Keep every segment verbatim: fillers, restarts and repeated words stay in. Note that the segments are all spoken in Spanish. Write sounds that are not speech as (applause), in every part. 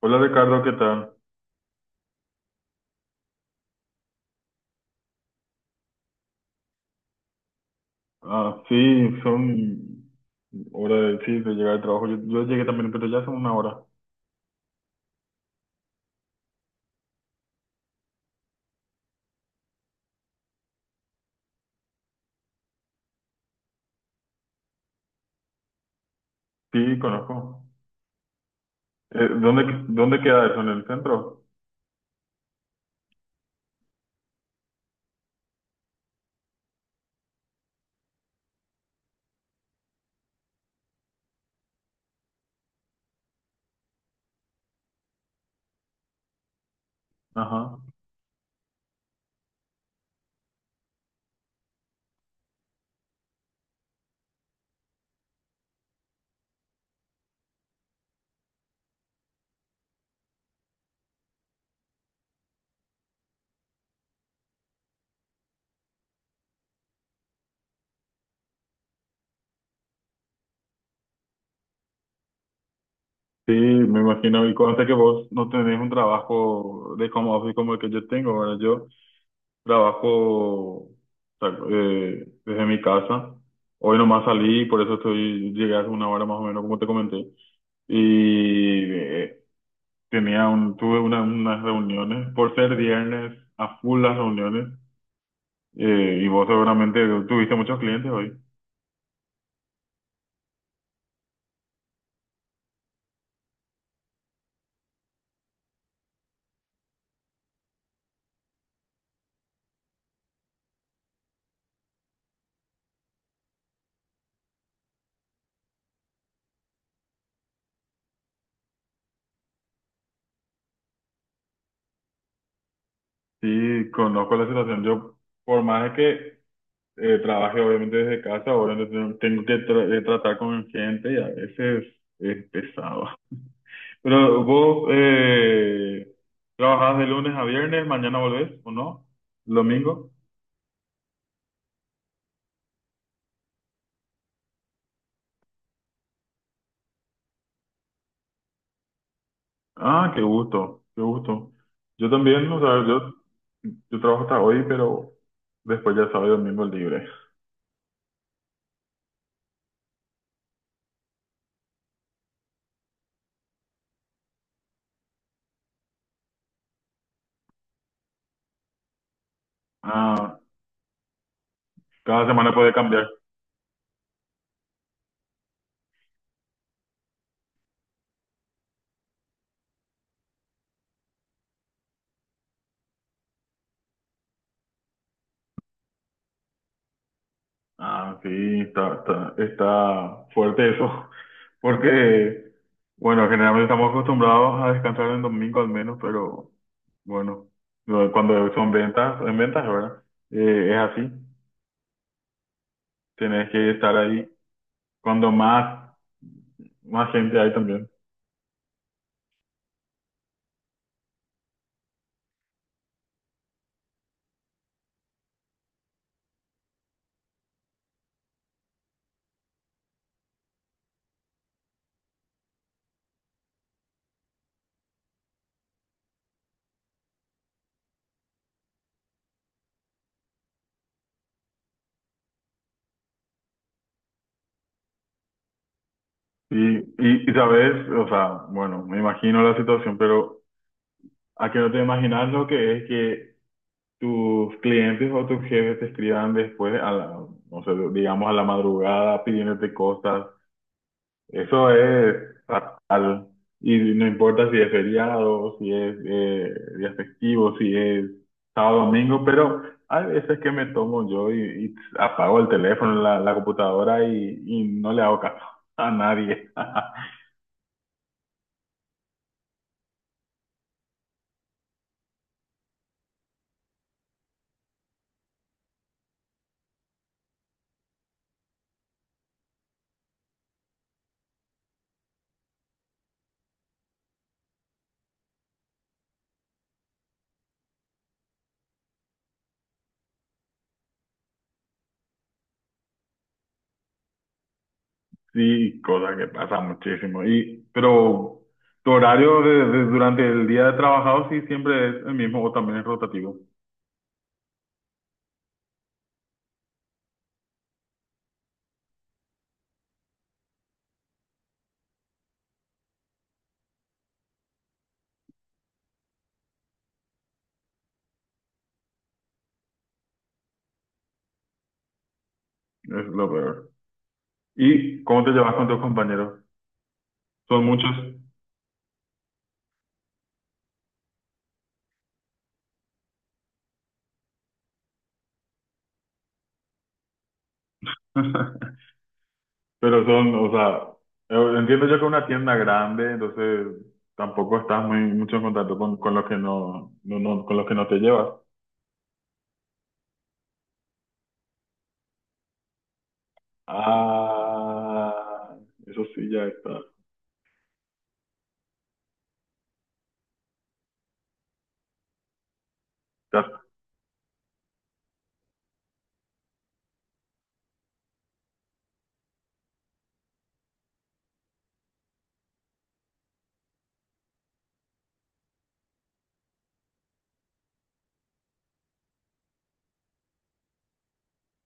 Hola Ricardo, ¿qué tal? Ah, sí, son hora de, sí, de llegar al trabajo. Yo, yo llegué también, pero ya son una hora. Sí, conozco. Eh, ¿dónde, dónde queda eso? ¿En el centro? Ajá. Sí, me imagino. Y conste que vos no tenés un trabajo de como office como el que yo tengo. Ahora yo trabajo o sea, eh, desde mi casa. Hoy nomás salí, por eso estoy, llegué hace una hora más o menos, como te comenté. Y eh, tenía un, tuve una- unas reuniones, por ser viernes, a full las reuniones, eh, y vos seguramente tuviste muchos clientes hoy. Sí, conozco la situación. Yo, por más de que eh, trabaje obviamente desde casa, ahora no tengo tengo que tra- eh, tratar con gente y a veces es pesado. (laughs) Pero vos eh, trabajás de lunes a viernes, mañana volvés, ¿o no? ¿Domingo? Ah, qué gusto, qué gusto. Yo también, o sea, yo, yo trabajo hasta hoy, pero después ya sábado y domingo libre. Ah, cada semana puede cambiar. Ah, sí, está, está, está fuerte eso, (laughs) porque, bueno, generalmente estamos acostumbrados a descansar en domingo al menos, pero bueno, lo- cuando son ventas, en ventas, ¿verdad? Eh, es así, tienes que estar ahí cuando más, más gente hay también. Y, y, y, sabes, o sea, bueno, me imagino la situación, pero ¿a qué no te imaginas lo que es que tus clientes o tus jefes te escriban después, a la, no sé, digamos a la madrugada pidiéndote cosas? Eso es fatal. Y no importa si es feriado, si es eh, día festivo, si es sábado, domingo, pero hay veces que me tomo yo y, y apago el teléfono, la, la computadora y, y no le hago caso a nadie. (laughs) Sí, cosa que pasa muchísimo. Y, pero tu horario de, de- durante el día de trabajado sí siempre es el mismo o también es rotativo. Es lo peor. ¿Y cómo te llevas con tus compañeros? Son muchos. (laughs) Pero son, o sea, eh, entiendo yo que es una tienda grande, entonces tampoco estás muy mucho en contacto con, con los que no, no, no- con los que no te llevas. Ah, eso sí ya está. Ya-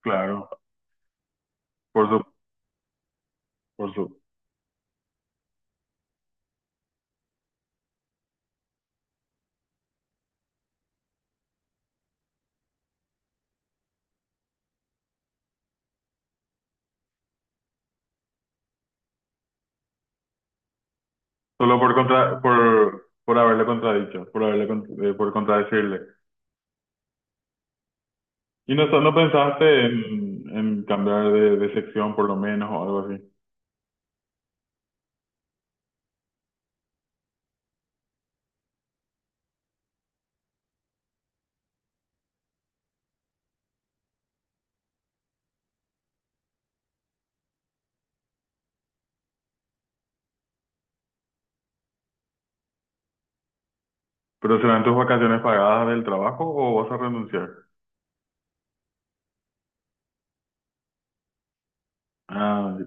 claro, por su, por su- Solo por contra, por, por haberle contradicho, por haberle con- eh, por contradecirle. Y no, no pensaste en, en cambiar de, de sección por lo menos o algo así. ¿Pero serán tus vacaciones pagadas del trabajo o vas a renunciar? Ah,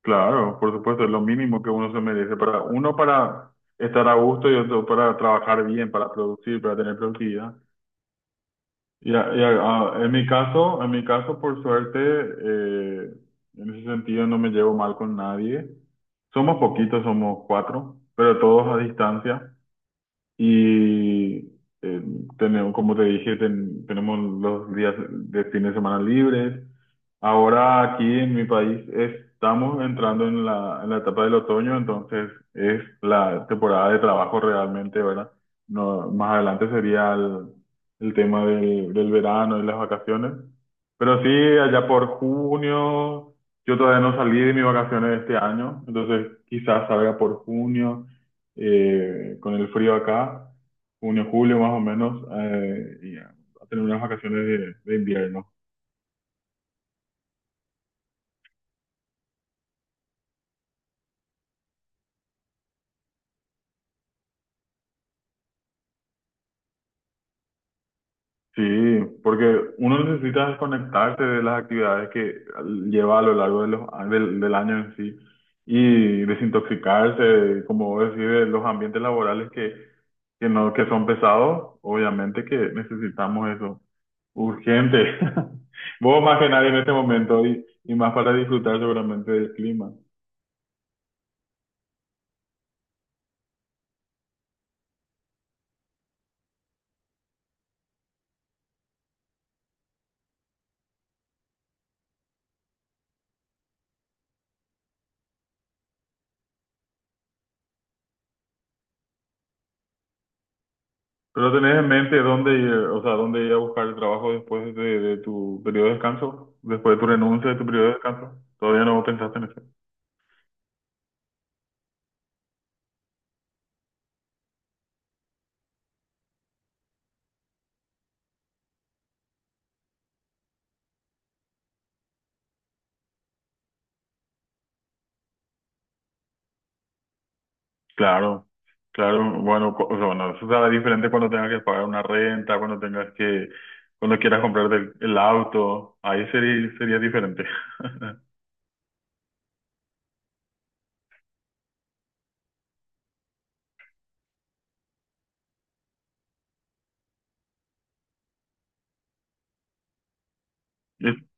claro, por supuesto, es lo mínimo que uno se merece para uno para estar a gusto y otro para trabajar bien, para producir, para tener productividad. Ya, ya, ah, en mi caso, en mi caso, por suerte, eh, en ese sentido no me llevo mal con nadie. Somos poquitos, somos cuatro, pero todos a distancia. Y eh, tenemos, como te dije, ten- tenemos los días de fin de semana libres. Ahora aquí en mi país estamos entrando en la, en la etapa del otoño, entonces es la temporada de trabajo realmente, ¿verdad? No, más adelante sería el, el tema del, del verano y las vacaciones. Pero sí, allá por junio, yo todavía no salí de mis vacaciones este año, entonces quizás salga por junio eh, con el frío acá, junio, julio más o menos, eh, y a tener unas vacaciones de, de invierno. Sí, porque uno necesita desconectarse de las actividades que lleva a lo largo de los, a- del, del año en sí y desintoxicarse, como vos decís, de los ambientes laborales que, que, no, que son pesados, obviamente que necesitamos eso urgente. (laughs) Vos más que nadie en este momento y, y más para disfrutar seguramente del clima. ¿Pero tenés en mente dónde ir, o sea, dónde ir a buscar el trabajo después de, de tu periodo de descanso? Después de tu renuncia de tu periodo de descanso. ¿Todavía no pensaste en eso? Claro, claro, bueno, co- o sea, bueno, eso será diferente cuando tengas que pagar una renta, cuando tengas que, cuando quieras comprarte el, el auto, ahí sería, sería diferente. (laughs) Y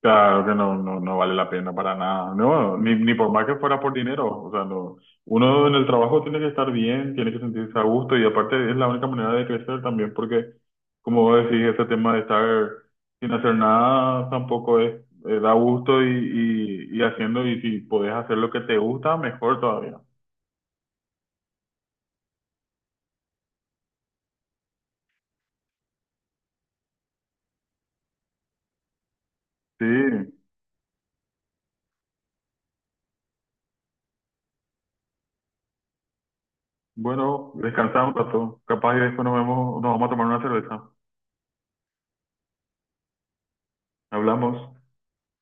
claro que no, no, no vale la pena para nada. No, ni, ni por más que fuera por dinero. O sea, no. Uno en el trabajo tiene que estar bien, tiene que sentirse a gusto y aparte es la única manera de crecer también porque, como vos decís, ese tema de estar sin hacer nada tampoco es, eh, da gusto y, y, y haciendo y si podés hacer lo que te gusta, mejor todavía. Sí, bueno, descansamos un rato. Capaz y después nos vemos, nos vamos a tomar una cerveza. Hablamos.